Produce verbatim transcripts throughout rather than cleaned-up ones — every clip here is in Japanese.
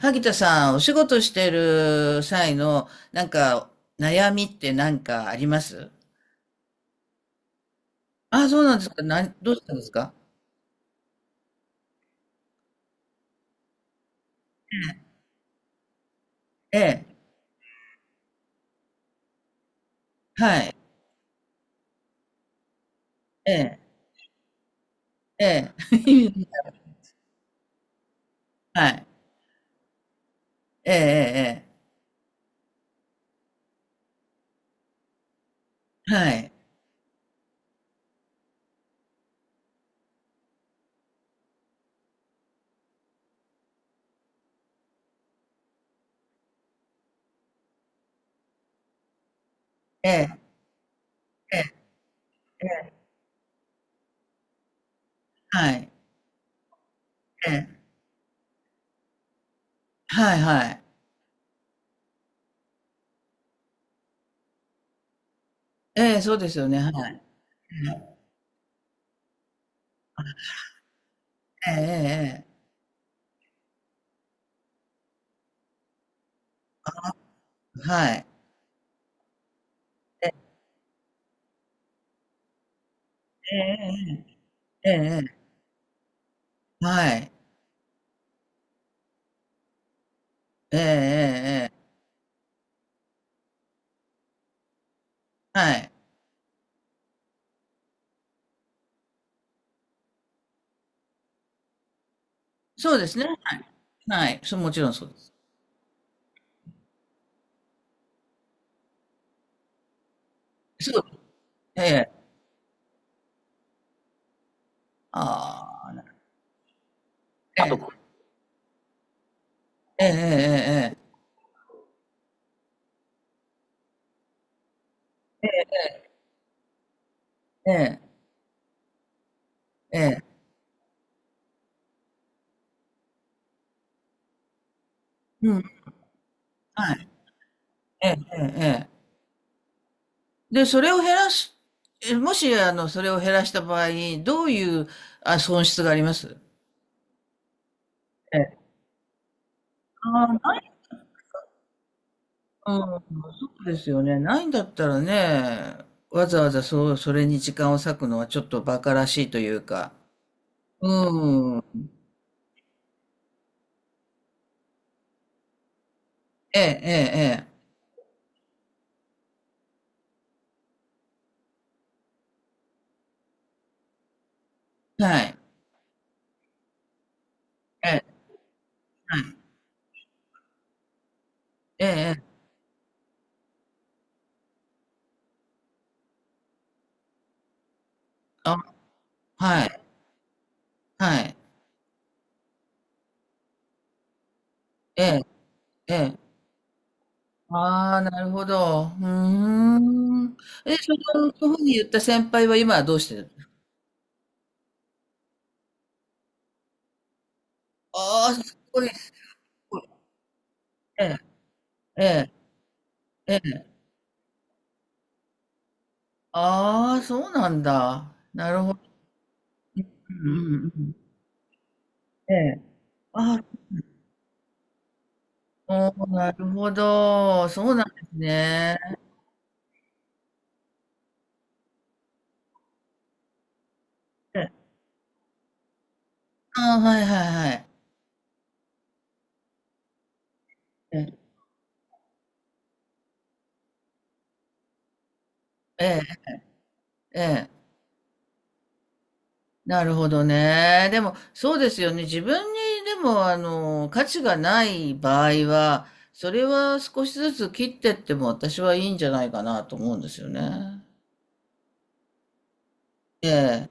萩田さん、お仕事してる際の、なんか、悩みって何かあります？ああ、そうなんですか。なん、どうしたんですか？ええ、はい、ええ、ええ、はい、ええ、ええ、はい、ええ、ええ、ええはい、ええ、はい、はい、ええ、そうですよね、はい、ええ、ええ、ええはい、ええ、ええ、ええ、はい、ええ、ええ、ええはい、そうですね、はい、はい、そう、もちろんそうです。そう、ええ。ああ、えあえ、と、ええええええええええうん、はい、ええええええで、それを減らす、えもし、あの、それを減らした場合、どういう、あ、損失があります？ええ、ああ、ない、うん、そうですよね。ないんだったらね、わざわざそう、それに時間を割くのはちょっと馬鹿らしいというか、うん、ええ、ええ、ええはい、ええ、ええ、ええあ、はい、はい、ええ、ええ、ああ、なるほど。うーん。え、その、そういうふうに言った先輩は今はどうしてる？ああー、すごい、すごい。ええ、ええ、ええ。ああ、そうなんだ。なるほど。うんうんうん。ええ。ああ、そうなるほど。そうなんですね。ええああ、はいはいはい。ええ、ええ、ええ。なるほどね。でも、そうですよね。自分に、でも、あの、価値がない場合は、それは少しずつ切ってっても私はいいんじゃないかなと思うんですよね。ええ、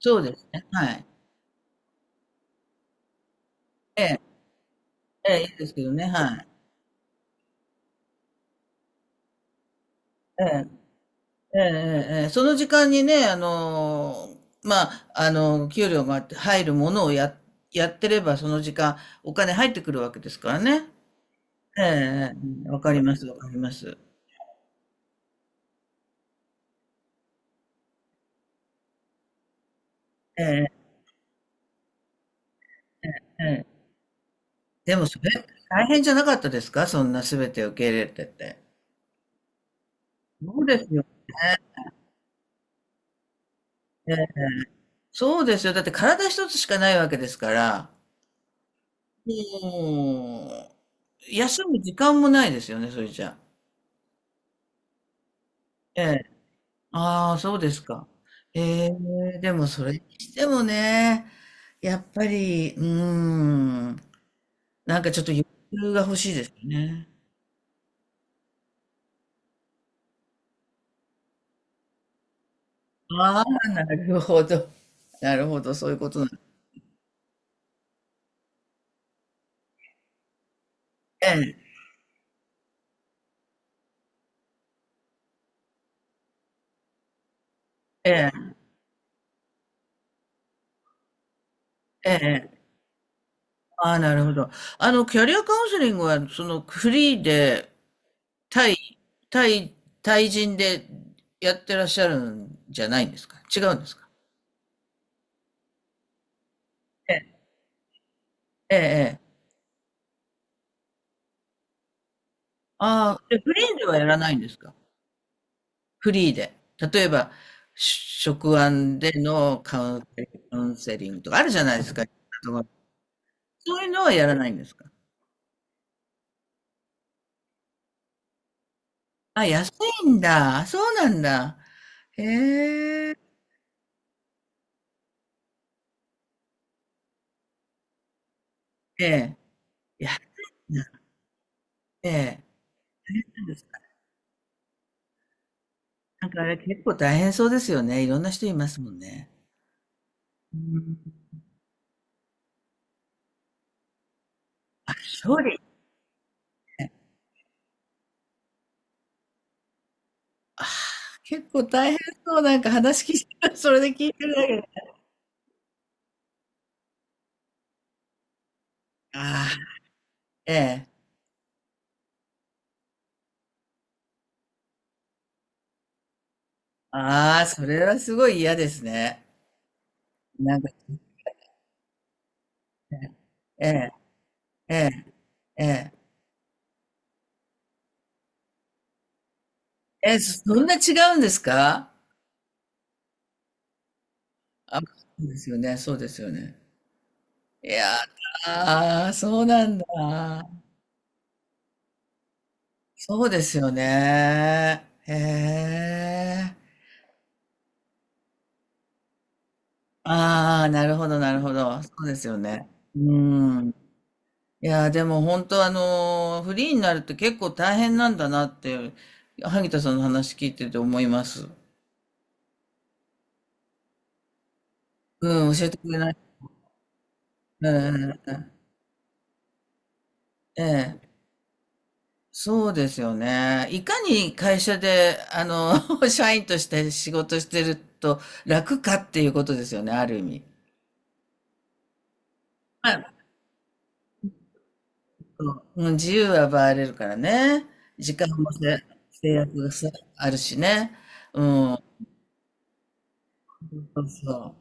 そうですね。はい。ええ、ええ、いいですけどね。はい。ええ、ええ、ええ、その時間にね、あの、まあ、あの、給料が入るものをや、やってれば、その時間、お金入ってくるわけですからね。ええ、ええわかります、わかります。ええ、ええ。でもそれ、大変じゃなかったですか？そんな全て受け入れてて。そうですよね。そうですよ。だって体一つしかないわけですから、もう、休む時間もないですよね、それじゃ。ええ。ああ、そうですか。ええ、でもそれにしてもね、やっぱり、うーん、なんかちょっと余裕が欲しいですよね。ああ、なるほど。なるほど、そういうことなんです。ええ、ええ、ええ。ああ、なるほど。あの、キャリアカウンセリングは、その、フリーで、対、対、対人でやってらっしゃるんじゃないんですか？違うんですか？ええ、ええ。ええああ、で、フリーではやらないんですか？フリーで。例えば、し職案でのカウンカウンセリングとかあるじゃないですか。そういうのはやらないんですか？あ、安いんだ。そうなんだ。へえ、ええ。いや、ええ。なんかあれ結構大変そうですよね。いろんな人いますもんね。うん、調理ね。ああ、結構大変そう。なんか話聞いてる、それで聞いてるだけで。ああ、ええ。ああ、それはすごい嫌ですね。なんか、ええ、ええ、ええ。え、そんな違うんですか？あ、そうですよね、そうですよね。いやだ、あそうなんだ。そうですよね。へえ。ああ、なるほど、なるほど。そうですよね。うん。いやー、でも本当あのーフリーになるって結構大変なんだなって、萩田さんの話聞いてて思います。うん、教えてくれない。うんうんええ、そうですよね。いかに会社で、あの、社員として仕事してると楽かっていうことですよね、ある意味。まあ、そううん、自由は奪われるからね。時間もせ制約がさあるしね。うん。そうそう。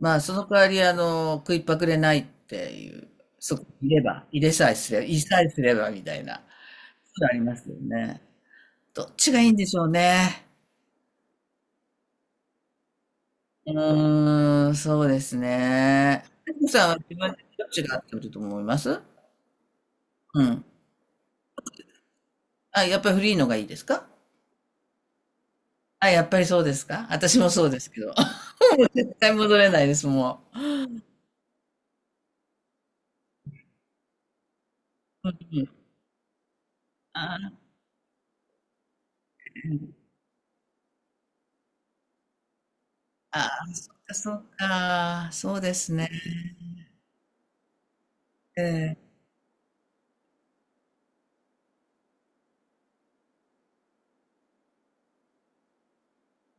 まあ、その代わり、あの、食いっぱくれないっていう、そこにいれば、入れさえすれば、入れさえすればみたいな、そういうのありますよね。どっちがいいんでしょうね。うーん、そうですね。テクさんは自分でどっちが合ってると思います？うん。あ、やっぱりフリーのがいいですか？あ、やっぱりそうですか？私もそうですけど。もう絶対戻れないです、もう。うんうんあーあー、そっか、そっか、そうですね。ええ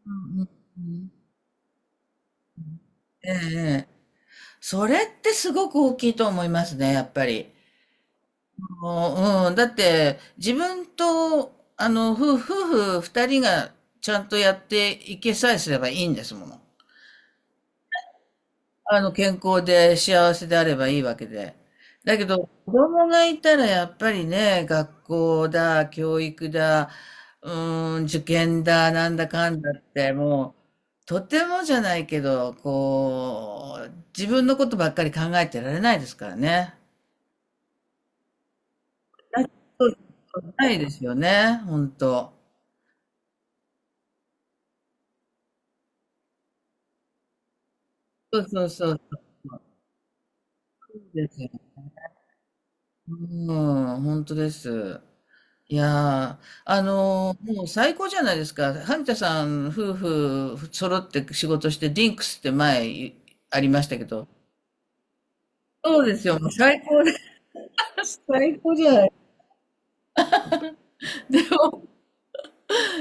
うんうんうんええええ。それってすごく大きいと思いますね、やっぱり。もう、うん、だって、自分と、あの、夫夫婦二人がちゃんとやっていけさえすればいいんですもの。あの、健康で幸せであればいいわけで。だけど、子供がいたらやっぱりね、学校だ、教育だ、うーん、受験だ、なんだかんだって、もう、とてもじゃないけど、こう、自分のことばっかり考えてられないですからね。そうないですよね、本当。そうそうそう、そうですよ。うん、本当です。いやー、あの、もう最高じゃないですか。萩田さん夫婦揃って仕事して、ディンクスって前いありましたけど。そうですよ、もう最高です。最高じゃない。でも、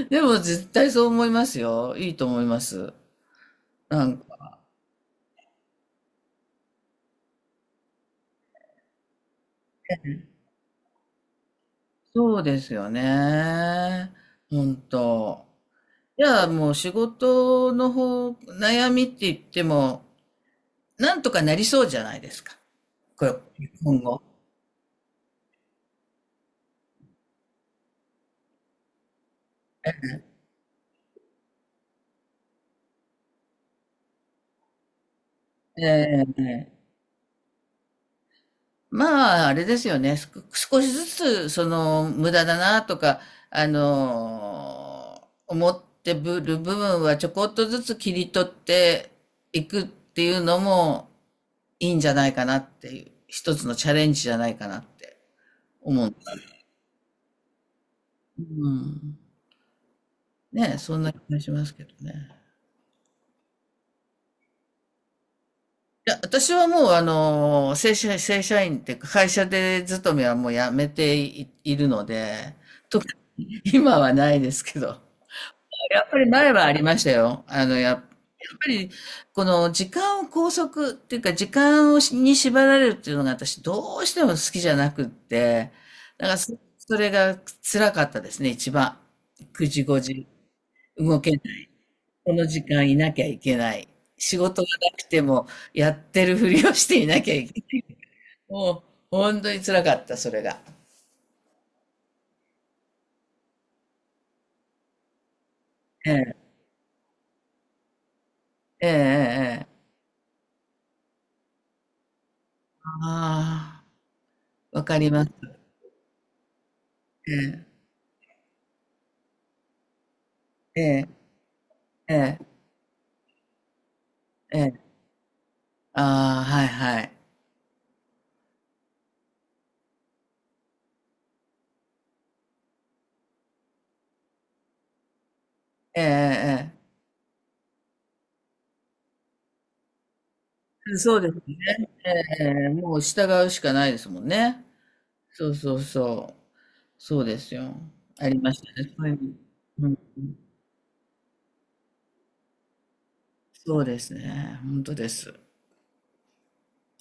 でも絶対そう思いますよ。いいと思います。なんか、そうですよね。本当。じゃあもう仕事の方、悩みって言っても、なんとかなりそうじゃないですか。これ、今後。ええまあ、あれですよね。す少しずつ、その、無駄だなとか、あのー思ってぶる部分はちょこっとずつ切り取っていくっていうのもいいんじゃないかなっていう、一つのチャレンジじゃないかなって思うんです。うん。ね、そんな気がしますけどね。いや、私はもう、あのー正社、正社員っていうか、会社で勤めはもうやめてい、いるので、特に今はないですけど。やっぱり前はありましたよ。あの、やっ、やっぱり、この時間を拘束っていうか、時間をしに縛られるっていうのが私どうしても好きじゃなくって、だからそ、それが辛かったですね、一番。くじ、ごじ、動けない。この時間いなきゃいけない。仕事がなくても、やってるふりをしていなきゃいけない。もう、本当に辛かった、それが。ええ、ええ、ええ。ええああ、わかります。ええ、ええ、ええ。ああ、はいはい。ええええええ。そうですね。ええええ、もう従うしかないですもんね。そうそうそう。そうですよ。ありましたね。そういうの。うんそうですね。本当です。